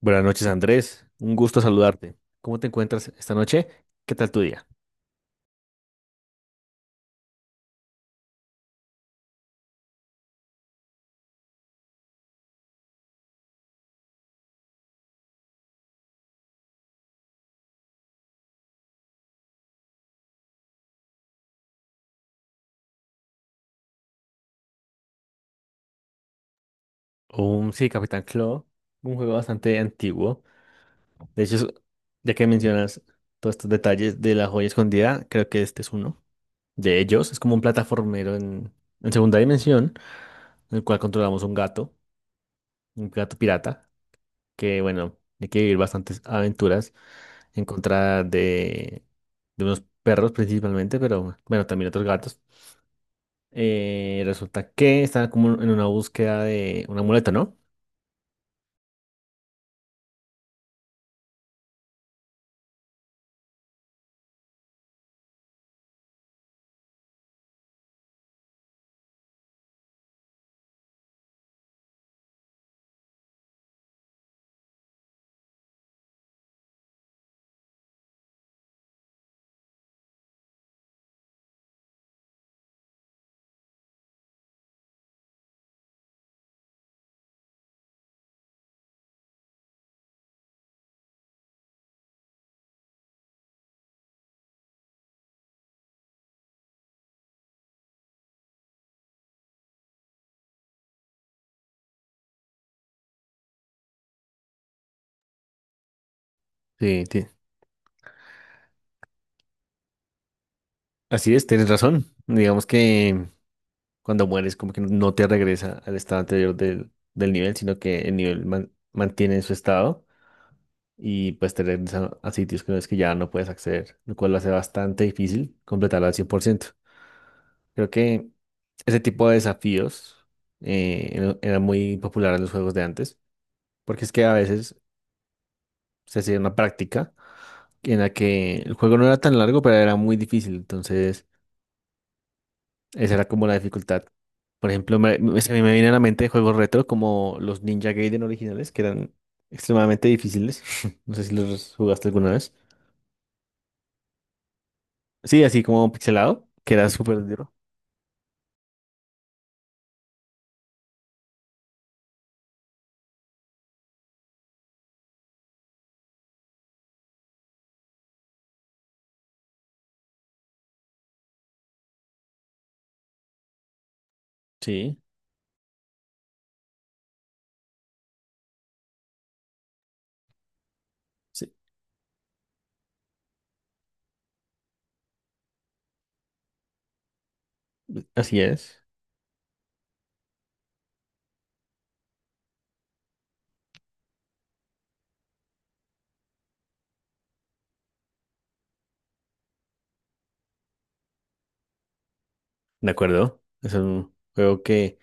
Buenas noches, Andrés. Un gusto saludarte. ¿Cómo te encuentras esta noche? ¿Qué tal tu día? Sí, Capitán Claw, un juego bastante antiguo. De hecho, ya que mencionas todos estos detalles de la joya escondida, creo que este es uno de ellos. Es como un plataformero en segunda dimensión, en el cual controlamos un gato pirata, que bueno, hay que vivir bastantes aventuras en contra de unos perros principalmente, pero bueno, también otros gatos. Resulta que estaba como en una búsqueda de una muleta, ¿no? Sí, así es, tienes razón. Digamos que cuando mueres, como que no te regresa al estado anterior del nivel, sino que el nivel mantiene su estado y pues te regresa a sitios que no es que ya no puedes acceder, lo cual lo hace bastante difícil completarlo al 100%. Creo que ese tipo de desafíos era muy popular en los juegos de antes, porque es que a veces se hacía una práctica, en la que el juego no era tan largo, pero era muy difícil. Entonces, esa era como la dificultad. Por ejemplo, se me viene a la mente juegos retro como los Ninja Gaiden originales, que eran extremadamente difíciles. No sé si los jugaste alguna vez. Sí, así como pixelado, que era súper duro. Sí, sí, así es. De acuerdo. Es un juego que,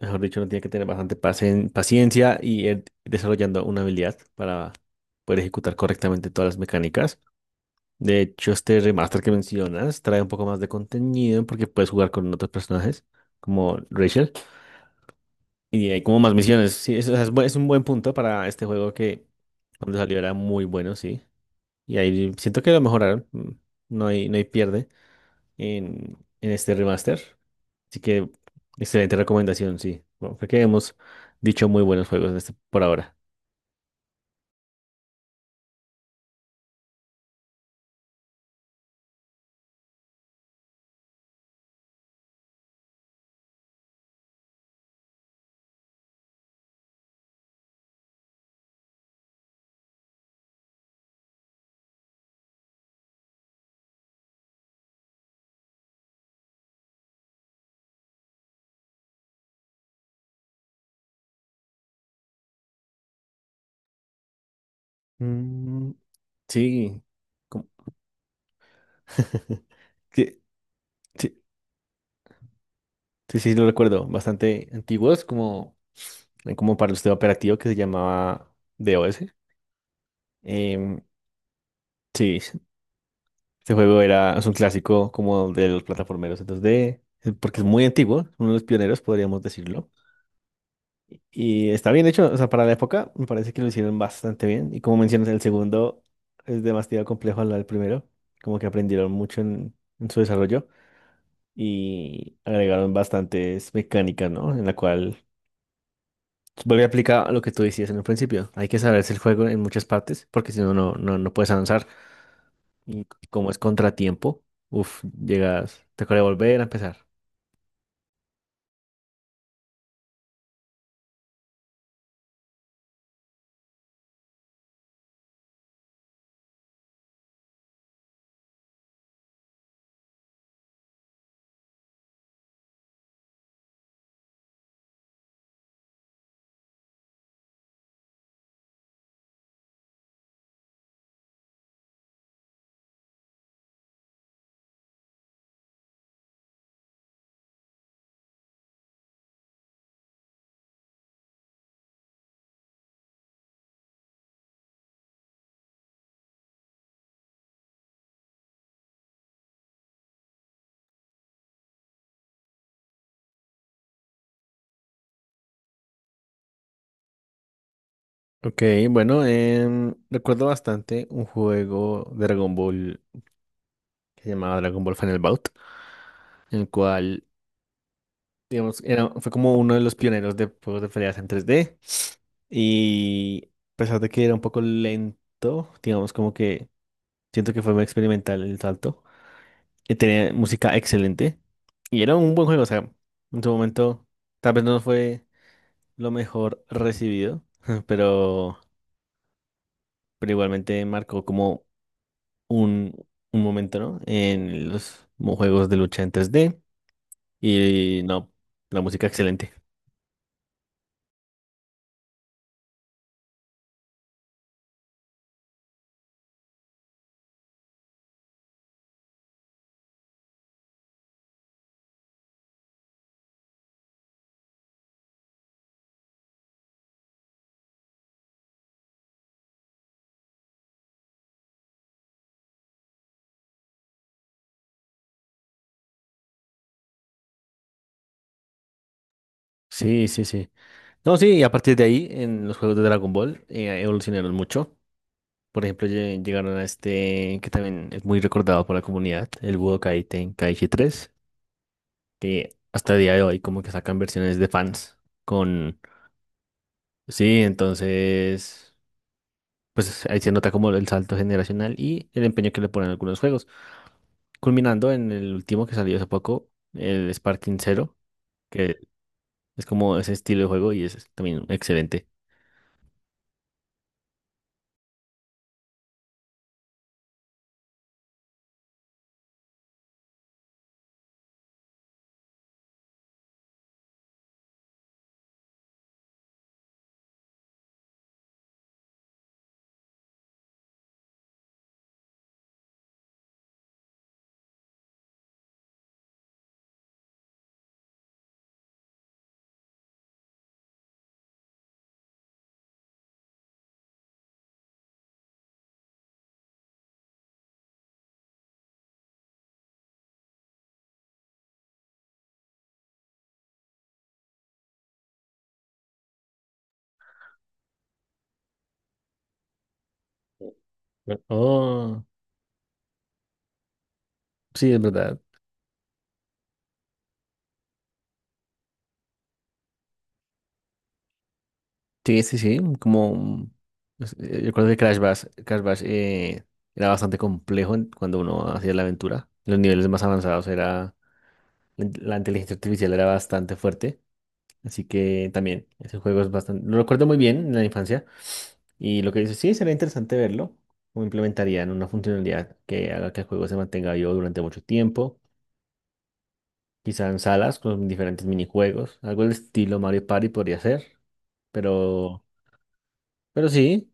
mejor dicho, uno tiene que tener bastante paciencia y ir desarrollando una habilidad para poder ejecutar correctamente todas las mecánicas. De hecho, este remaster que mencionas trae un poco más de contenido porque puedes jugar con otros personajes como Rachel y hay como más misiones. Sí, es es un buen punto para este juego que cuando salió era muy bueno, sí. Y ahí siento que lo mejoraron. No hay pierde en, este remaster. Así que excelente recomendación, sí. Bueno, creo que hemos dicho muy buenos juegos en este, por ahora. Mm, sí. como- que- sí, sí, sí, lo recuerdo. Bastante antiguos, como para el sistema operativo que se llamaba DOS. Em, sí, este juego era, es un clásico como de los plataformeros en 2D, porque es muy antiguo, uno de los pioneros, podríamos decirlo. Y está bien hecho, o sea, para la época me parece que lo hicieron bastante bien. Y como mencionas, el segundo es demasiado complejo al lado del primero, como que aprendieron mucho en su desarrollo y agregaron bastantes mecánicas, ¿no? En la cual vuelve a aplicar lo que tú decías en el principio. Hay que saberse el juego en muchas partes porque si no, no puedes avanzar. Y como es contratiempo, uff, llegas, te toca volver a empezar. Ok, bueno, recuerdo bastante un juego de Dragon Ball que se llamaba Dragon Ball Final Bout, en el cual, digamos, era, fue como uno de los pioneros de juegos de peleas en 3D. Y a pesar de que era un poco lento, digamos, como que siento que fue muy experimental el salto. Tenía música excelente y era un buen juego, o sea, en su momento tal vez no fue lo mejor recibido, pero, pero igualmente marcó como un, un momento, ¿no? En los juegos de lucha en 3D y no, la música excelente. Sí, sí, sí. No, sí, y a partir de ahí, en los juegos de Dragon Ball, evolucionaron mucho. Por ejemplo, llegaron a este que también es muy recordado por la comunidad, el Budokai Tenkaichi 3 que hasta el día de hoy como que sacan versiones de fans con. Sí, entonces, pues ahí se nota como el salto generacional y el empeño que le ponen a algunos juegos. Culminando en el último que salió hace poco, el Sparking Zero, que es como ese estilo de juego y es también excelente. Oh, sí, es verdad. Sí, sí, sí, como pues, yo recuerdo que Crash Bash era bastante complejo cuando uno hacía la aventura. Los niveles más avanzados era la inteligencia artificial era bastante fuerte, así que también ese juego es bastante lo recuerdo muy bien en la infancia y lo que dices, sí, sería interesante verlo cómo implementarían una funcionalidad que haga que el juego se mantenga vivo durante mucho tiempo, quizá en salas con diferentes minijuegos, algo del estilo Mario Party podría ser, pero pero sí.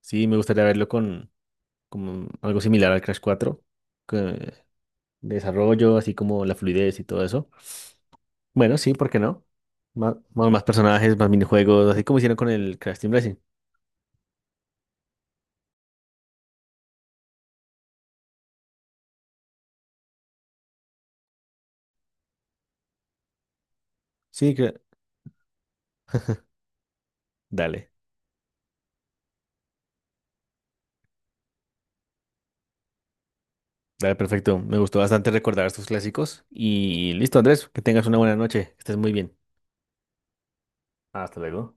Sí, me gustaría verlo con, como algo similar al Crash 4 que- desarrollo, así como la fluidez y todo eso. Bueno, sí, ¿por qué no? Más, personajes, más minijuegos, así como hicieron con el Crash Team Racing. Sí, dale, dale, perfecto. Me gustó bastante recordar estos clásicos. Y listo, Andrés, que tengas una buena noche. Estés muy bien. Hasta luego.